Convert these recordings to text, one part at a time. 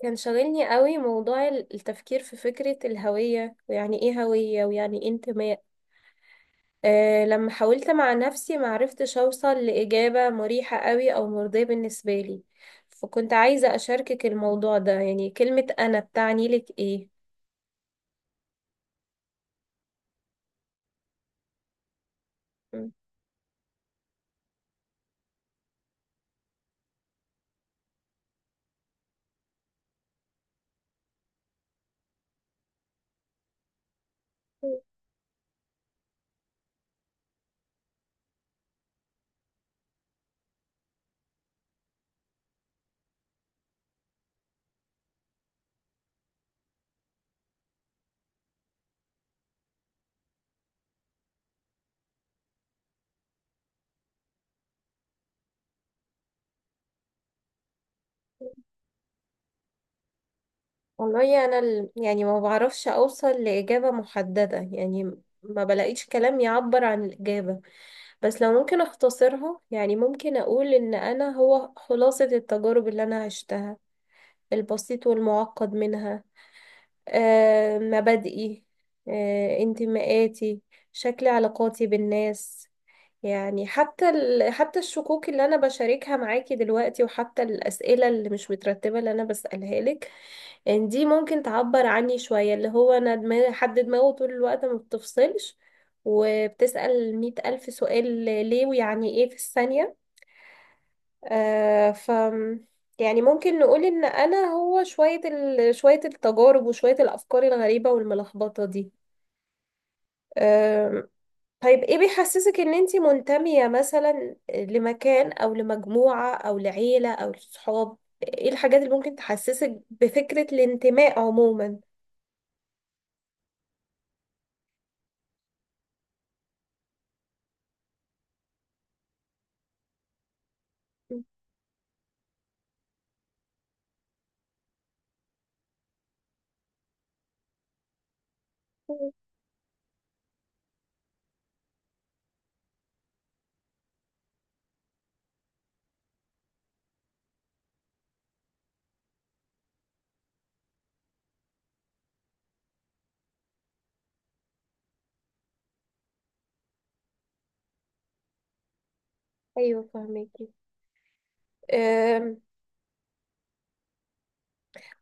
كان شاغلني قوي موضوع التفكير في فكرة الهوية، ويعني ايه هوية، ويعني ايه انتماء. لما حاولت مع نفسي معرفتش اوصل لإجابة مريحة قوي او مرضية بالنسبة لي، فكنت عايزة اشاركك الموضوع ده. يعني كلمة انا بتعني لك ايه؟ والله انا يعني ما بعرفش اوصل لاجابه محدده، يعني ما بلاقيش كلام يعبر عن الاجابه. بس لو ممكن اختصرها، يعني ممكن اقول ان انا هو خلاصه التجارب اللي انا عشتها، البسيط والمعقد منها. مبادئي، انتماءاتي، شكل علاقاتي بالناس. يعني حتى حتى الشكوك اللي انا بشاركها معاكي دلوقتي، وحتى الاسئله اللي مش مترتبه اللي انا بسالها لك. ان دي ممكن تعبر عني شوية، اللي هو انا دماغي، حد دماغه طول الوقت ما بتفصلش وبتسأل مية ألف سؤال، ليه، ويعني ايه في الثانية. آه ف يعني ممكن نقول ان انا هو شوية شوية التجارب وشوية الافكار الغريبة والملخبطة دي. آه طيب، ايه بيحسسك ان انتي منتمية مثلا لمكان او لمجموعة او لعيلة او لصحاب؟ ايه الحاجات اللي ممكن تحسسك بفكرة الانتماء عموما؟ ايوه، فهميكي. أم،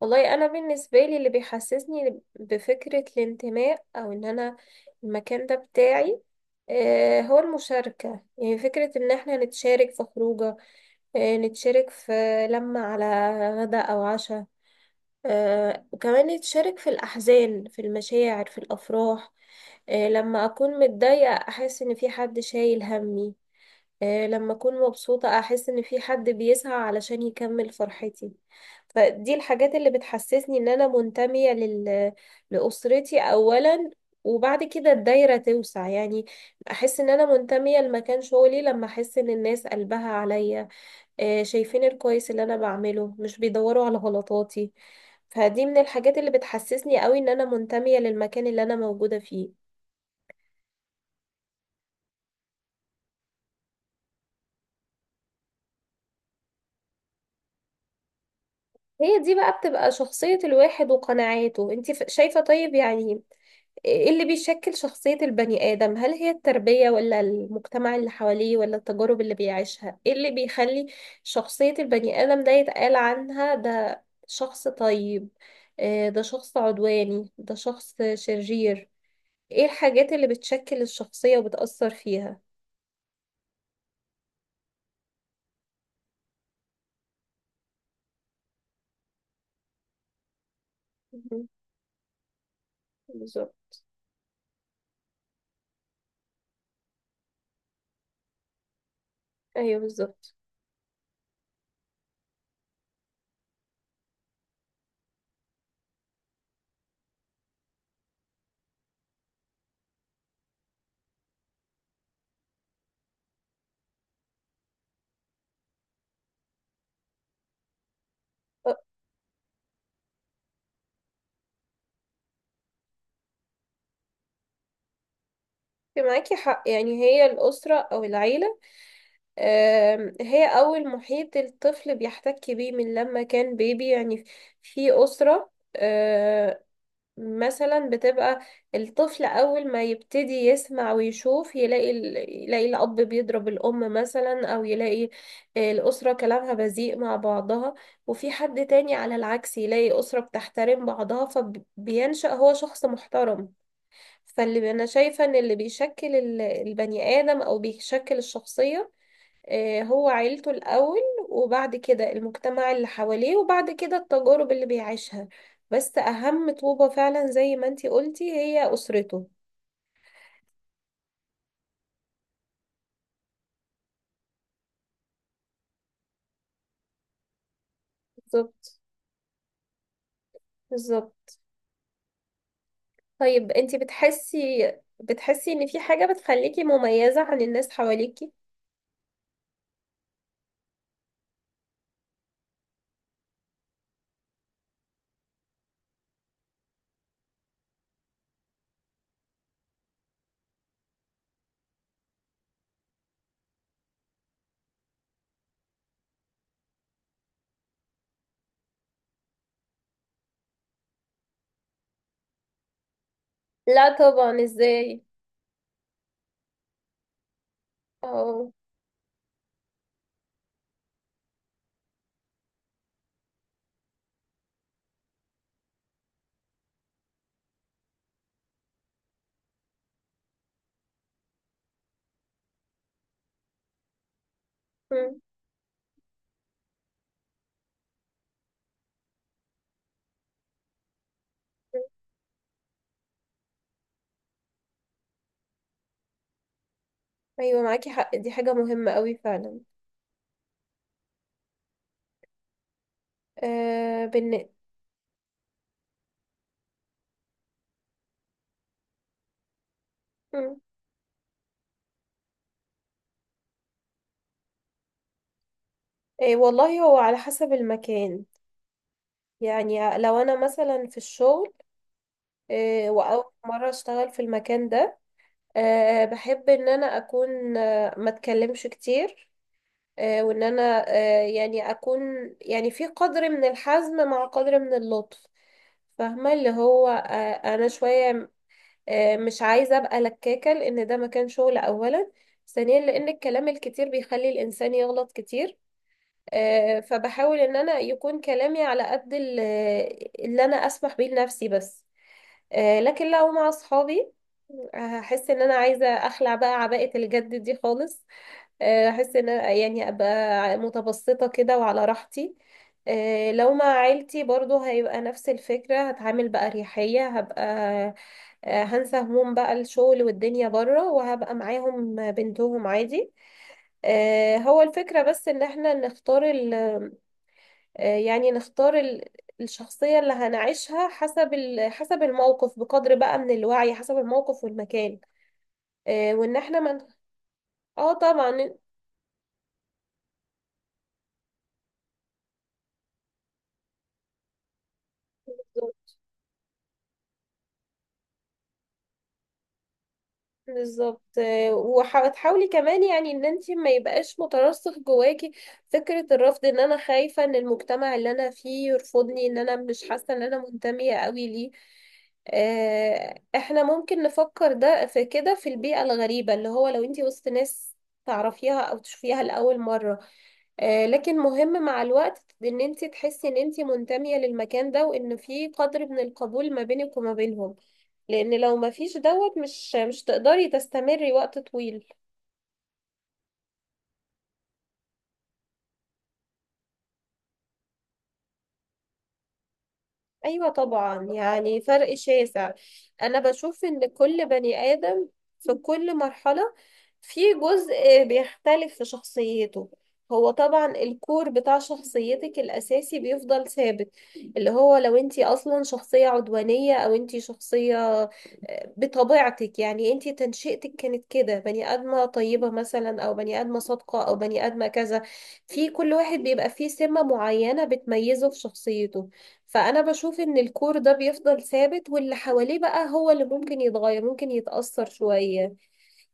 والله انا بالنسبه لي اللي بيحسسني بفكره الانتماء او ان انا المكان ده بتاعي، هو المشاركه. يعني فكره ان احنا نتشارك في خروجه، نتشارك في لمه على غدا او عشاء. وكمان نتشارك في الاحزان، في المشاعر، في الافراح. لما اكون متضايقه احس ان في حد شايل همي. لما أكون مبسوطة أحس إن في حد بيسعى علشان يكمل فرحتي. فدي الحاجات اللي بتحسسني إن أنا منتمية لأسرتي أولا، وبعد كده الدايرة توسع. يعني أحس إن أنا منتمية لمكان شغلي لما أحس إن الناس قلبها عليا، شايفين الكويس اللي أنا بعمله، مش بيدوروا على غلطاتي. فدي من الحاجات اللي بتحسسني قوي إن أنا منتمية للمكان اللي أنا موجودة فيه. هي دي بقى بتبقى شخصية الواحد وقناعاته. انت شايفة، طيب، يعني ايه اللي بيشكل شخصية البني آدم؟ هل هي التربية، ولا المجتمع اللي حواليه، ولا التجارب اللي بيعيشها؟ ايه اللي بيخلي شخصية البني آدم ده يتقال عنها ده شخص طيب، ده شخص عدواني، ده شخص شرير؟ ايه الحاجات اللي بتشكل الشخصية وبتأثر فيها؟ مهم. بالظبط. ايوه، بالظبط. أه، معاكي حق. يعني هي الأسرة أو العيلة، هي أول محيط الطفل بيحتك بيه من لما كان بيبي. يعني في أسرة، مثلا بتبقى، الطفل أول ما يبتدي يسمع ويشوف يلاقي يلاقي الأب بيضرب الأم مثلا، أو يلاقي الأسرة كلامها بذيء مع بعضها. وفي حد تاني على العكس يلاقي أسرة بتحترم بعضها فبينشأ هو شخص محترم. فاللي أنا شايفة إن اللي بيشكل البني آدم أو بيشكل الشخصية، هو عيلته الأول، وبعد كده المجتمع اللي حواليه، وبعد كده التجارب اللي بيعيشها. بس أهم طوبة فعلا زي ما انتي قلتي هي أسرته. بالظبط. بالظبط. طيب انتي بتحسي ان في حاجة بتخليكي مميزة عن الناس حواليكي؟ لا طبعا، ازاي. اه. مم. ايوه، معاكي حق، دي حاجة مهمة قوي فعلا. آه بالن... مم. والله هو على حسب المكان. يعني لو انا مثلا في الشغل، وأول مرة أشتغل في المكان ده، بحب إن أنا أكون، ما أتكلمش كتير. وإن أنا يعني أكون، يعني في قدر من الحزم مع قدر من اللطف. فاهمة اللي هو، أنا شوية، مش عايزة أبقى لكاكة، لأن ده مكان شغل أولا، ثانيا لأن الكلام الكتير بيخلي الإنسان يغلط كتير. فبحاول إن أنا يكون كلامي على قد اللي أنا أسمح بيه لنفسي بس. لكن لو مع أصحابي هحس ان انا عايزه اخلع بقى عباءه الجد دي خالص. هحس ان أنا يعني ابقى متبسطه كده وعلى راحتي. لو مع عيلتي برضو هيبقى نفس الفكره، هتعامل بقى اريحيه هبقى. هنسى هموم بقى الشغل والدنيا بره، وهبقى معاهم بنتهم عادي. هو الفكره بس ان احنا نختار ال آه، يعني نختار الشخصيه اللي هنعيشها حسب حسب الموقف، بقدر بقى من الوعي، حسب الموقف والمكان. وان احنا ما. اه، طبعا. بالظبط. بالظبط. وتحاولي كمان يعني ان انت ما يبقاش مترسخ جواكي فكرة الرفض، ان انا خايفة ان المجتمع اللي انا فيه يرفضني، ان انا مش حاسة ان انا منتمية قوي ليه. احنا ممكن نفكر ده في كده في البيئة الغريبة، اللي هو لو انت وسط ناس تعرفيها او تشوفيها لأول مرة. لكن مهم مع الوقت ان انت تحسي ان انت منتمية للمكان ده، وان في قدر من القبول ما بينك وما بينهم، لان لو ما فيش دوت مش تقدري تستمري وقت طويل. أيوة طبعا، يعني فرق شاسع. أنا بشوف إن كل بني آدم في كل مرحلة في جزء بيختلف في شخصيته. هو طبعا الكور بتاع شخصيتك الأساسي بيفضل ثابت، اللي هو لو انتي أصلا شخصية عدوانية أو انتي شخصية، بطبيعتك، يعني انتي تنشئتك كانت كده، بني آدمة طيبة مثلا، أو بني آدمة صادقة، أو بني آدمة كذا. في كل واحد بيبقى فيه سمة معينة بتميزه في شخصيته. فأنا بشوف إن الكور ده بيفضل ثابت، واللي حواليه بقى هو اللي ممكن يتغير، ممكن يتأثر شوية.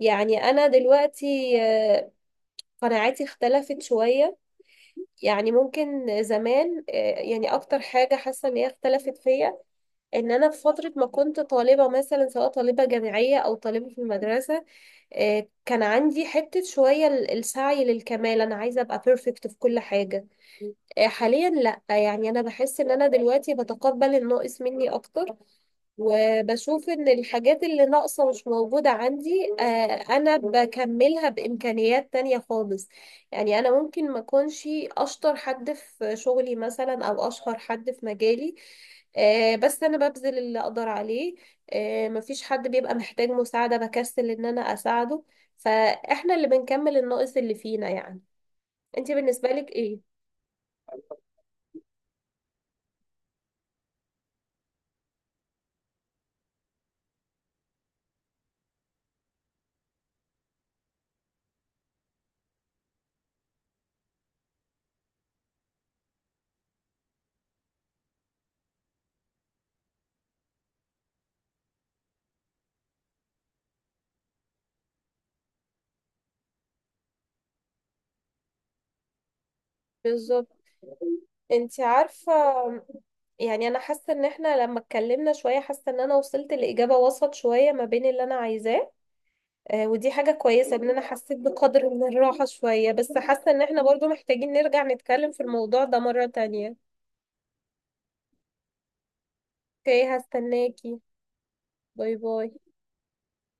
يعني أنا دلوقتي، قناعاتي اختلفت شوية. يعني ممكن زمان، يعني أكتر حاجة حاسة إن هي اختلفت فيا، إن أنا في فترة ما كنت طالبة مثلا، سواء طالبة جامعية أو طالبة في المدرسة. كان عندي حتة شوية السعي للكمال، أنا عايزة أبقى بيرفكت في كل حاجة. حاليا لأ، يعني أنا بحس إن أنا دلوقتي بتقبل الناقص مني أكتر، وبشوف ان الحاجات اللي ناقصة مش موجودة عندي. انا بكملها بامكانيات تانية خالص. يعني انا ممكن ما اكونش اشطر حد في شغلي مثلا او اشهر حد في مجالي، بس انا ببذل اللي اقدر عليه. مفيش حد بيبقى محتاج مساعدة بكسل ان انا اساعده. فاحنا اللي بنكمل الناقص اللي فينا يعني. انت بالنسبة لك ايه؟ بالظبط. انت عارفة، يعني انا حاسة ان احنا لما اتكلمنا شوية، حاسة ان انا وصلت لإجابة وسط شوية ما بين اللي انا عايزاه. ودي حاجة كويسة، ان انا حسيت بقدر من الراحة شوية، بس حاسة ان احنا برضو محتاجين نرجع نتكلم في الموضوع ده مرة تانية. اوكي، هستناكي. باي باي.